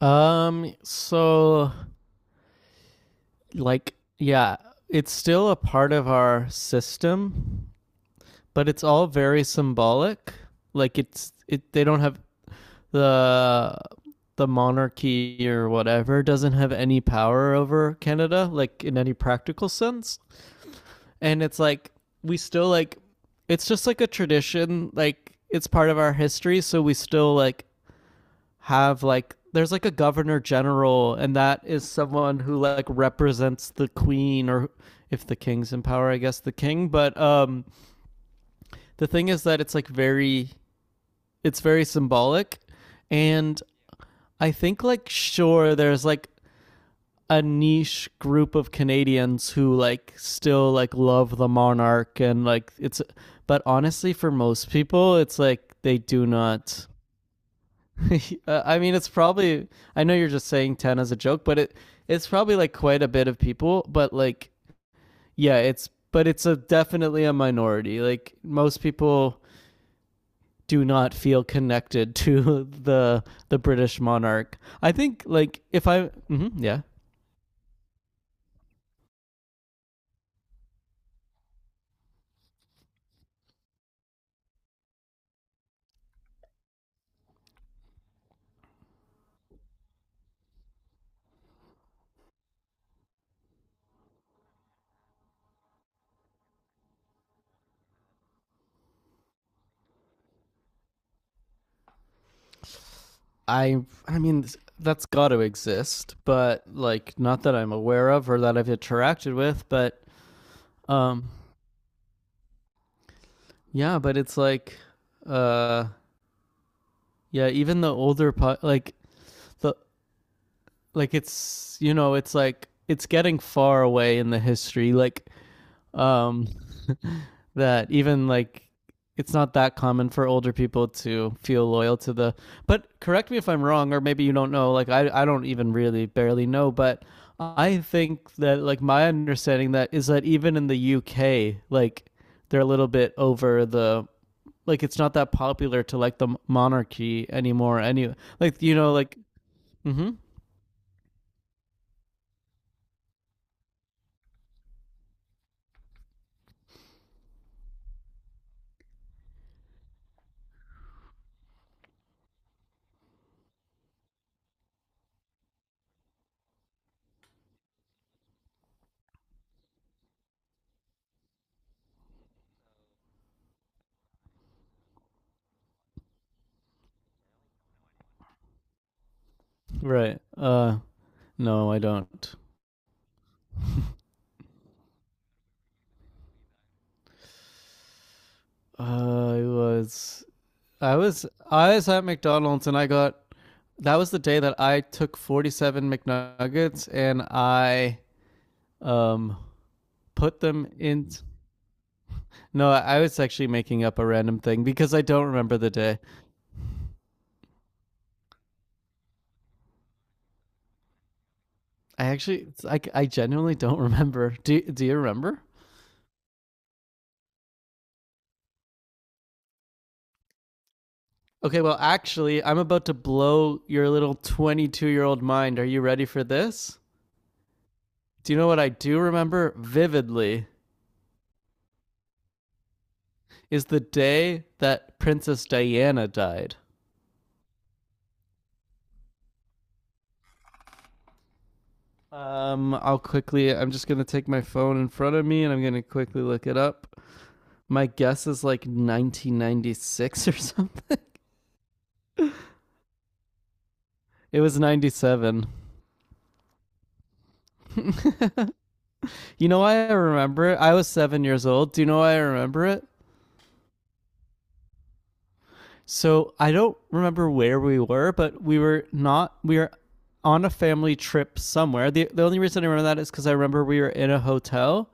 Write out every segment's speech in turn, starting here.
So like yeah, it's still a part of our system, but it's all very symbolic. Like it's it they don't have the the monarchy or whatever doesn't have any power over Canada like in any practical sense. And it's like we still like it's just like a tradition, like it's part of our history, so we still like have like there's like a governor general and that is someone who like represents the queen or if the king's in power I guess the king but the thing is that it's very symbolic and I think like sure there's like a niche group of Canadians who like still like love the monarch and like it's but honestly for most people it's like they do not. I mean, it's probably. I know you're just saying ten as a joke, but it's probably like quite a bit of people. But like, yeah, it's but it's a definitely a minority. Like most people do not feel connected to the British monarch. I think like if I, mhm, yeah, I I mean that's got to exist, but like not that I'm aware of or that I've interacted with. But um, yeah, but it's like uh yeah even the older like the like it's you know it's like it's getting far away in the history like um that even like it's not that common for older people to feel loyal to the, but correct me if I'm wrong or maybe you don't know like I don't even really barely know but I think that like my understanding that is that even in the UK like they're a little bit over the like it's not that popular to like the monarchy anymore any like like mhm, right, no, I don't. I was I was at McDonald's and I got that was the day that I took 47 McNuggets and I um put them in. No, I was actually making up a random thing because I don't remember the day. I actually I genuinely don't remember. Do you remember? Okay, well actually, I'm about to blow your little 22-year-old mind. Are you ready for this? Do you know what I do remember vividly? Is the day that Princess Diana died. I'll quickly. I'm just gonna take my phone in front of me and I'm gonna quickly look it up. My guess is like 1996 or something. It was 97. You know why I remember it? I was 7 years old. Do you know why I remember it? So I don't remember where we were, but we were not. We were on a family trip somewhere. The only reason I remember that is because I remember we were in a hotel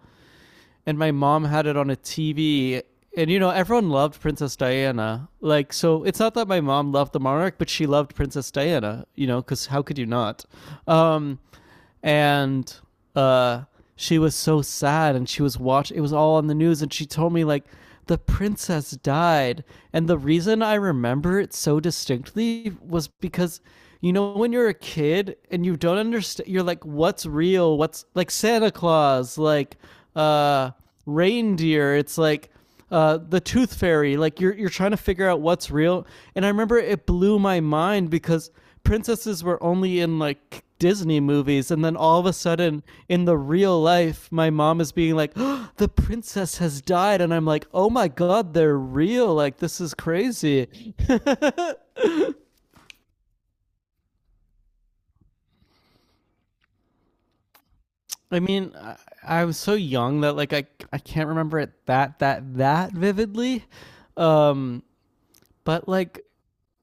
and my mom had it on a TV and you know everyone loved Princess Diana like so it's not that my mom loved the monarch but she loved Princess Diana, because how could you not, um and uh she was so sad and she was watching. It was all on the news and she told me like the princess died and the reason I remember it so distinctly was because when you're a kid and you don't understand you're like what's real what's like Santa Claus like uh reindeer. It's like the tooth fairy. Like you're trying to figure out what's real. And I remember it blew my mind because princesses were only in like Disney movies, and then all of a sudden in the real life, my mom is being like, "Oh, "The princess has died," and I'm like, "Oh my god, they're real! Like this is crazy." I mean. I was so young that like I can't remember it that vividly, um, but like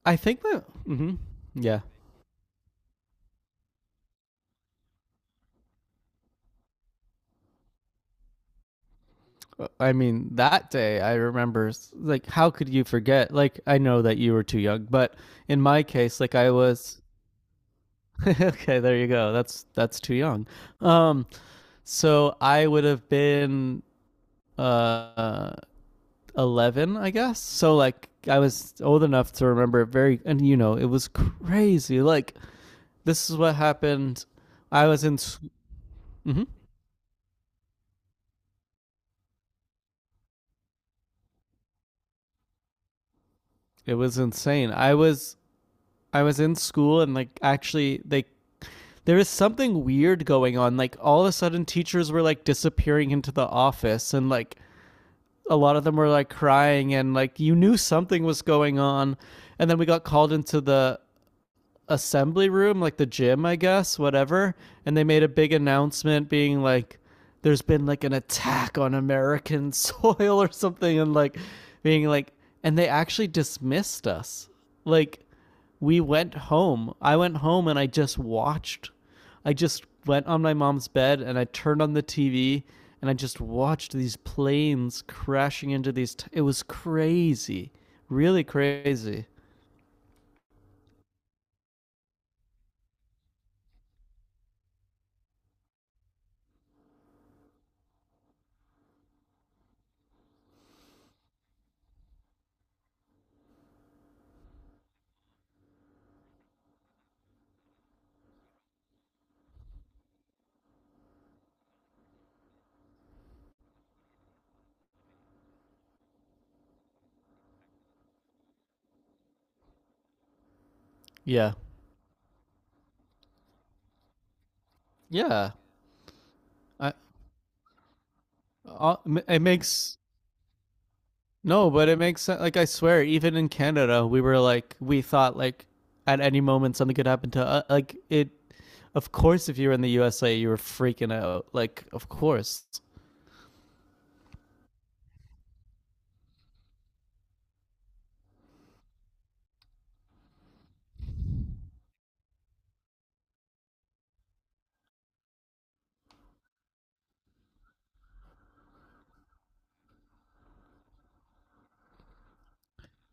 I think that mm-hmm. Yeah, I mean, that day I remember, like, how could you forget? Like, I know that you were too young, but in my case, like, I was. Okay, there you go. That's too young. Um, so I would have been uh 11, I guess. So like I was old enough to remember it very, and you know, it was crazy. Like this is what happened. I was in. Mhm. It was insane. I was in school and like actually they there is something weird going on. Like all of a sudden teachers were like disappearing into the office and like a lot of them were like crying and like you knew something was going on. And then we got called into the assembly room, like the gym, I guess, whatever. And they made a big announcement being like, there's been like an attack on American soil or something. And like, being like, and they actually dismissed us. Like, we went home. I went home and I just watched. I just went on my mom's bed and I turned on the TV and I just watched these planes crashing into these. It was crazy, really crazy. Yeah, yeah. I, Uh, it makes no, but it makes like I swear, even in Canada, we were like we thought like at any moment something could happen to like it. Of course, if you were in the USA, you were freaking out. Like, of course.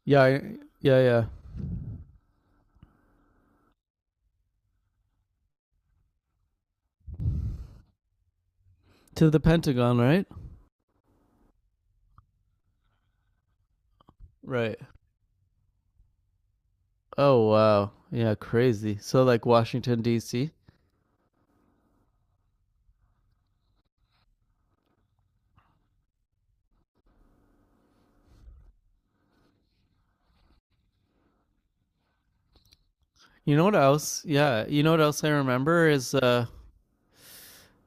Yeah, yeah, yeah. To the Pentagon, right? Right. Oh wow. Yeah, crazy. So like Washington D.C. You know what else? Yeah, you know what else I remember is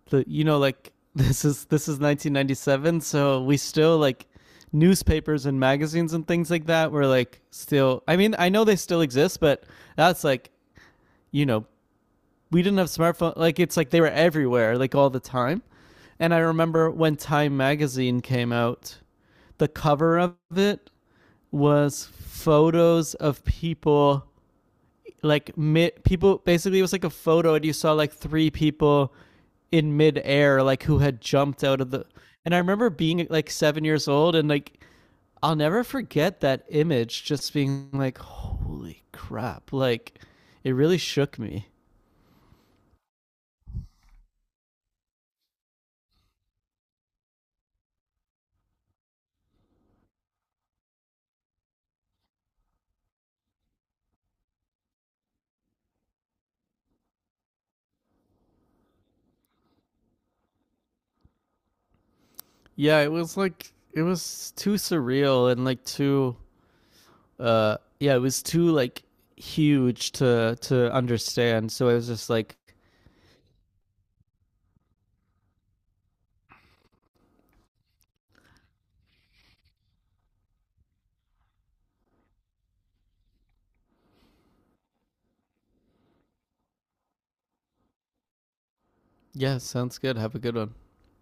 the like this is 1997, so we still like newspapers and magazines and things like that were like still. I mean, I know they still exist, but that's like you know we didn't have smartphone. Like it's like they were everywhere, like all the time. And I remember when Time magazine came out, the cover of it was photos of people like mid people basically it was like a photo and you saw like three people in midair like who had jumped out of the. And I remember being like 7 years old and like I'll never forget that image just being like, holy crap. Like it really shook me. Yeah, it was like it was too surreal and like too yeah, it was too like huge to understand. So I was just like, Yeah, sounds good. Have a good one.